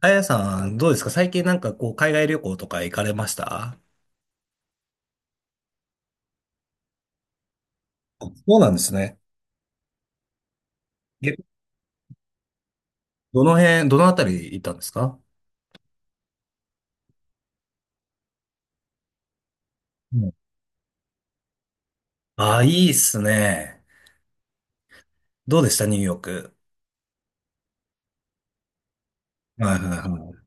あやさん、どうですか？最近なんかこう、海外旅行とか行かれました？そうなんですね。え、どのあたり行ったんですか？うん。ああ、いいっすね。どうでした？ニューヨーク。はいはいはい。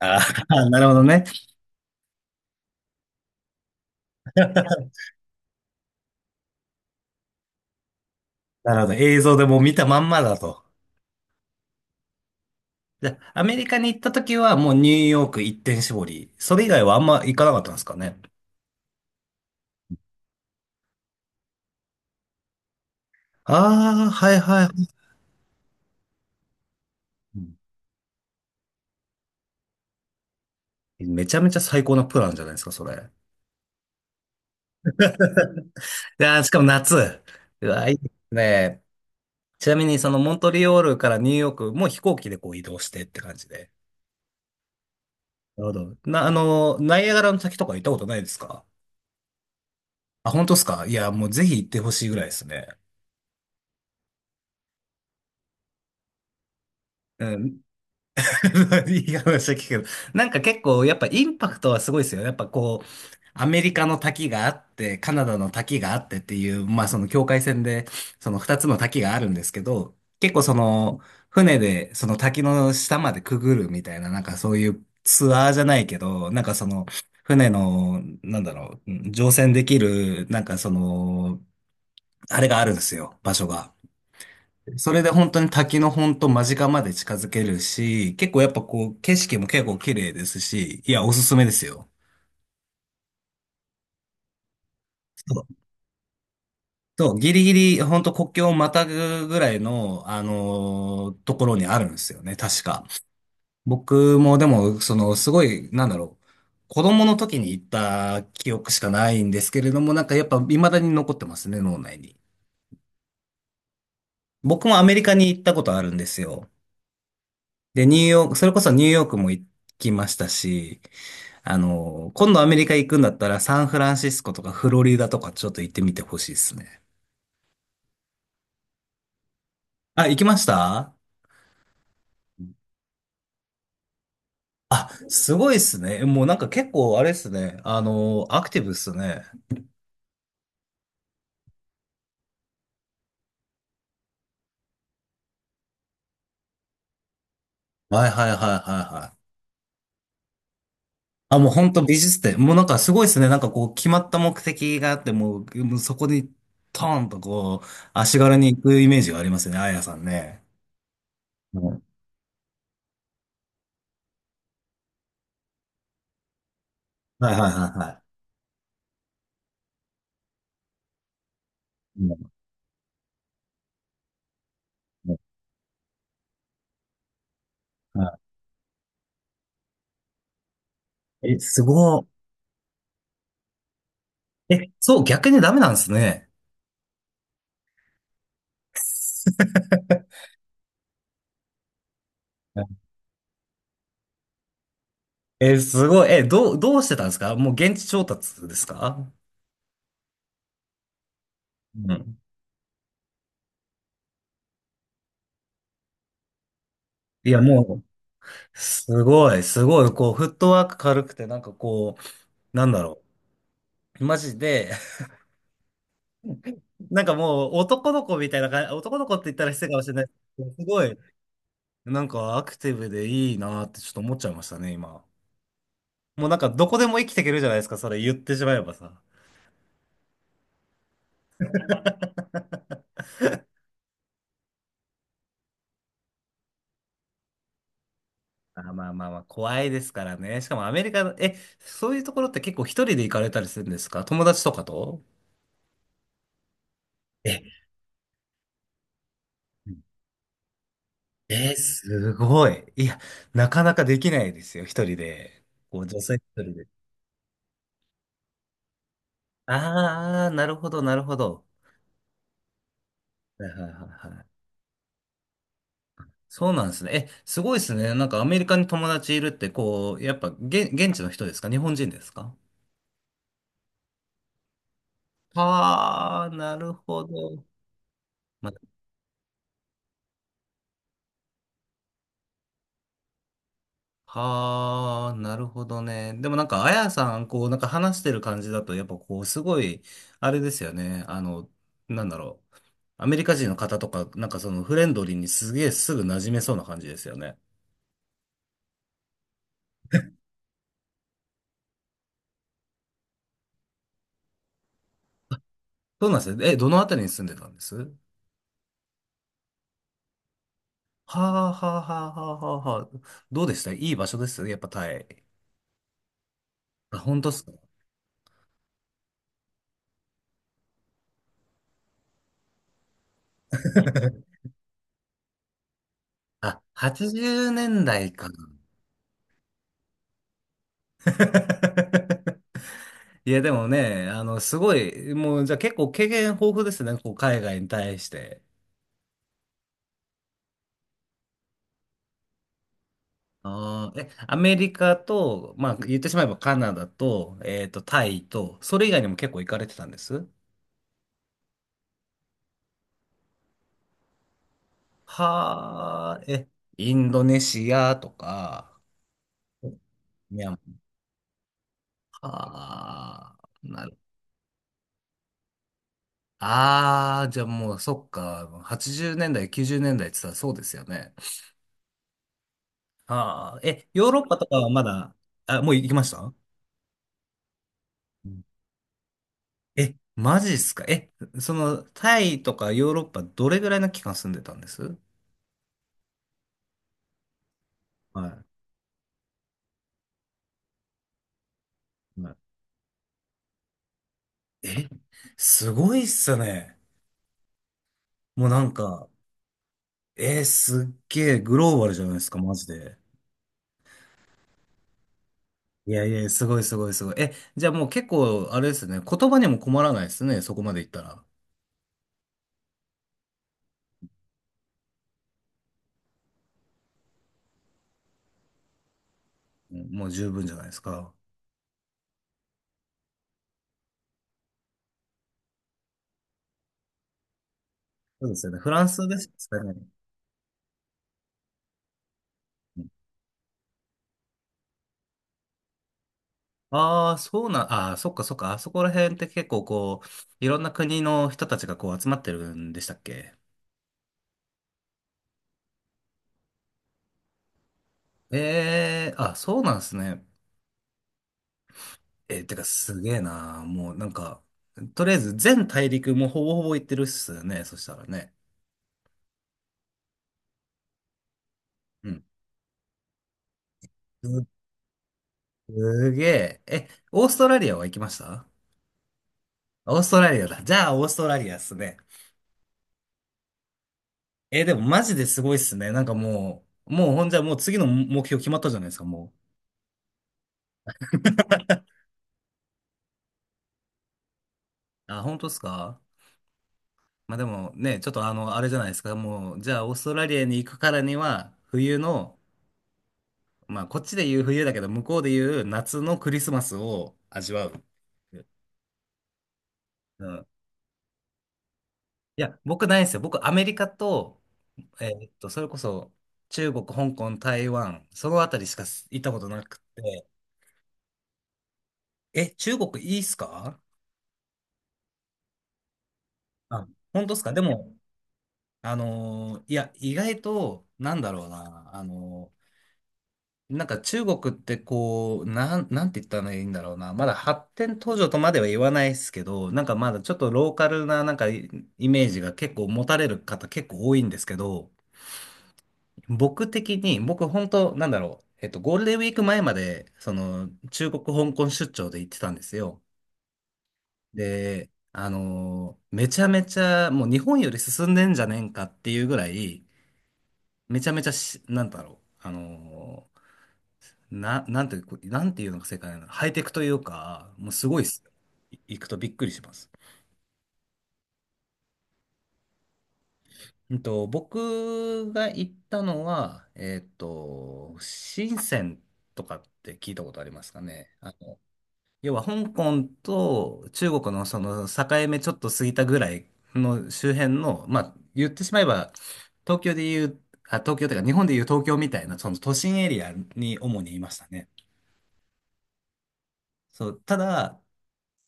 ああ、なるほどね。なるほど。映像でもう見たまんまだと。じゃあ、アメリカに行った時はもうニューヨーク一点絞り。それ以外はあんま行かなかったんですかね。ああ、はいはい。はい。めちゃめちゃ最高なプランじゃないですか、それ。いやー、しかも夏。うわ、いいですね。ちなみに、そのモントリオールからニューヨークも飛行機でこう移動してって感じで？なるほど。な、あの、ナイアガラの滝とか行ったことないですか？あ、本当ですか？いや、もうぜひ行ってほしいぐらいですね。うん。いい話聞くけど、なんか結構やっぱインパクトはすごいですよ。やっぱこう、アメリカの滝があって、カナダの滝があってっていう、まあその境界線で、その二つの滝があるんですけど、結構その、船でその滝の下までくぐるみたいな、なんかそういうツアーじゃないけど、なんかその、船の、なんだろう、うん、乗船できる、なんかその、あれがあるんですよ、場所が。それで本当に滝の本当間近まで近づけるし、結構やっぱこう景色も結構綺麗ですし、いや、おすすめですよ。そうそう、ギリギリ本当国境をまたぐぐらいの、ところにあるんですよね、確か。僕もでも、そのすごい、なんだろう、子供の時に行った記憶しかないんですけれども、なんかやっぱ未だに残ってますね、脳内に。僕もアメリカに行ったことあるんですよ。で、ニューヨーク、それこそニューヨークも行きましたし、あの、今度アメリカ行くんだったらサンフランシスコとかフロリダとかちょっと行ってみてほしいですね。あ、行きました？あ、すごいですね。もうなんか結構あれですね。あの、アクティブですね。はいはいはいはいはい。あ、もう本当美術展。もうなんかすごいですね。なんかこう決まった目的があって、もう、もうそこにトーンとこう、足軽に行くイメージがありますね。あやさんね。うん。はいはいはいはい。うんうん。はい。え、すごい。え、そう、逆にダメなんですね。え、すごい。え、どうしてたんですか？もう現地調達ですか？うん。いや、もう、すごい、すごい、こう、フットワーク軽くて、なんかこう、なんだろう。マジで、なんかもう、男の子みたいな感じ、男の子って言ったら失礼かもしれないですけど。すごい、なんかアクティブでいいなってちょっと思っちゃいましたね、今。もうなんか、どこでも生きていけるじゃないですか、それ言ってしまえばさ。あ、まあまあまあ、怖いですからね。しかもアメリカの、え、そういうところって結構一人で行かれたりするんですか？友達とかと？うん。すごい。いや、なかなかできないですよ、一人で。こう、女性一人で。ああ、なるほど、なるほど。はいはいはいはい。そうなんですね。え、すごいですね。なんかアメリカに友達いるって、こう、やっぱ、現地の人ですか？日本人ですか？ああー、なるほど。はあ、なるほどね。でもなんか、あやさん、こう、なんか話してる感じだと、やっぱこう、すごい、あれですよね。あの、なんだろう。アメリカ人の方とか、なんかそのフレンドリーにすげえすぐ馴染めそうな感じですよね。そうなんですね。え、どのあたりに住んでたんです？はあ、はあ、はあ、はあ、はあ。はあ、どうでした？いい場所ですよね、やっぱタイ。あ、本当っすか？あ、80年代か。いや、でもね、あの、すごい、もう、じゃあ結構経験豊富ですね、こう、海外に対して。あーえ、アメリカと、まあ、言ってしまえばカナダと、タイと、それ以外にも結構行かれてたんです？はあ、え、インドネシアとか、ミャンマー、はあ、なる。ああ、じゃあもう、そっか、80年代、90年代って言ったらそうですよね。はあ、え、ヨーロッパとかはまだ、あ、もう行きました？え、マジっすか？え、その、タイとかヨーロッパどれぐらいの期間住んでたんです？はい。はい。え、すごいっすね。もうなんか、すっげえグローバルじゃないですか、マジで。いやいや、すごいすごいすごい。え、じゃあもう結構、あれですね、言葉にも困らないですね、そこまでいったら。うん。もう十分じゃないですか？そうですよね。フランスですかね。ああー、そうなん、ああ、そっかそっか、あそこら辺って結構こう、いろんな国の人たちがこう集まってるんでしたっけ？ええ、あ、そうなんですね。てかすげえな。もうなんか、とりあえず全大陸もほぼほぼ行ってるっすよね。そしたらね。うん。す、すげえ。え、オーストラリアは行きました？オーストラリアだ。じゃあ、オーストラリアっすね。でもマジですごいっすね。なんかもう、もうほんじゃもう次の目標決まったじゃないですか、もう。あ、本当っすか？まあでもね、ちょっとあの、あれじゃないですか。もう、じゃあ、オーストラリアに行くからには、冬の、まあ、こっちで言う冬だけど、向こうで言う夏のクリスマスを味わう。うん。いや、僕ないんですよ。僕、アメリカと、それこそ、中国、香港、台湾、そのあたりしか行ったことなくて。え、中国いいっすか？あ、本当っすか？でも、いや、意外と、なんだろうな、ーなんか中国ってこう、なんて言ったらいいんだろうな。まだ発展途上とまでは言わないですけど、なんかまだちょっとローカルななんかイメージが結構持たれる方結構多いんですけど、僕的に、僕本当なんだろう。ゴールデンウィーク前まで、その、中国香港出張で行ってたんですよ。で、めちゃめちゃ、もう日本より進んでんじゃねえんかっていうぐらい、めちゃめちゃし、なんだろう。ーなんて、こうなんていうのが正解なの？ハイテクというか、もうすごいっす。行くとびっくりします。僕が行ったのは、深センとかって聞いたことありますかね？あの、要は香港と中国のその境目ちょっと過ぎたぐらいの周辺の、まあ、言ってしまえば、東京で言う、あ、東京というか日本で言う東京みたいなその都心エリアに主にいましたね。そう、ただ、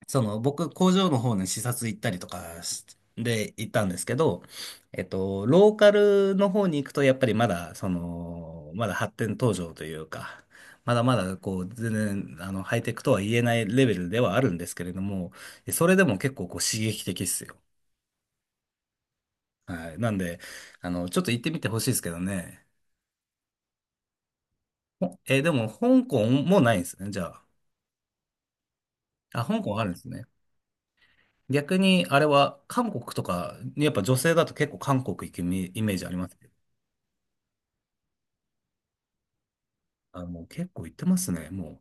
その、僕、工場の方に視察行ったりとかしで行ったんですけど、ローカルの方に行くと、やっぱりまだ、その、まだ発展途上というか、まだまだ、こう、全然、あの、ハイテクとは言えないレベルではあるんですけれども、それでも結構、こう、刺激的っすよ。はい。なんで、あの、ちょっと行ってみてほしいですけどね。ほえー、でも、香港もないんですね、じゃあ。あ、香港あるんですね。逆に、あれは、韓国とか、やっぱ女性だと結構韓国行くイメージありますね。あ、もう結構行ってますね、もう。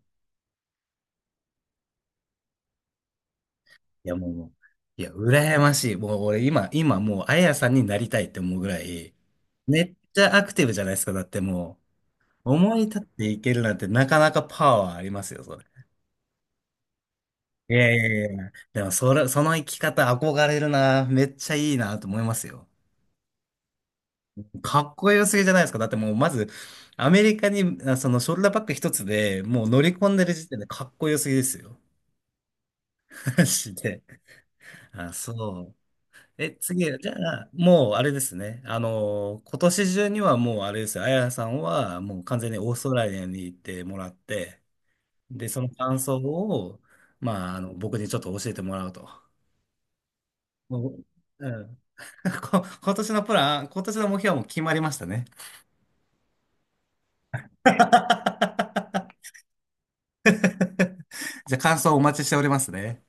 いや、もう、いや、羨ましい。もう俺今、今もう、あやさんになりたいって思うぐらい、めっちゃアクティブじゃないですか。だってもう、思い立っていけるなんてなかなかパワーありますよ、それ。いやいやいや、でもそれ、その生き方憧れるな。めっちゃいいなと思いますよ。かっこよすぎじゃないですか。だってもう、まず、アメリカに、あ、そのショルダーバッグ一つでもう乗り込んでる時点でかっこよすぎですよ。マジで。あ、そう。え、次、じゃあ、もうあれですね。あの、今年中にはもうあれですよ。あやさんはもう完全にオーストラリアに行ってもらって、で、その感想を、まあ、あの、僕にちょっと教えてもらうと。もう。うん。今年のプラン、今年の目標はもう決まりましたね。じゃあ、感想をお待ちしておりますね。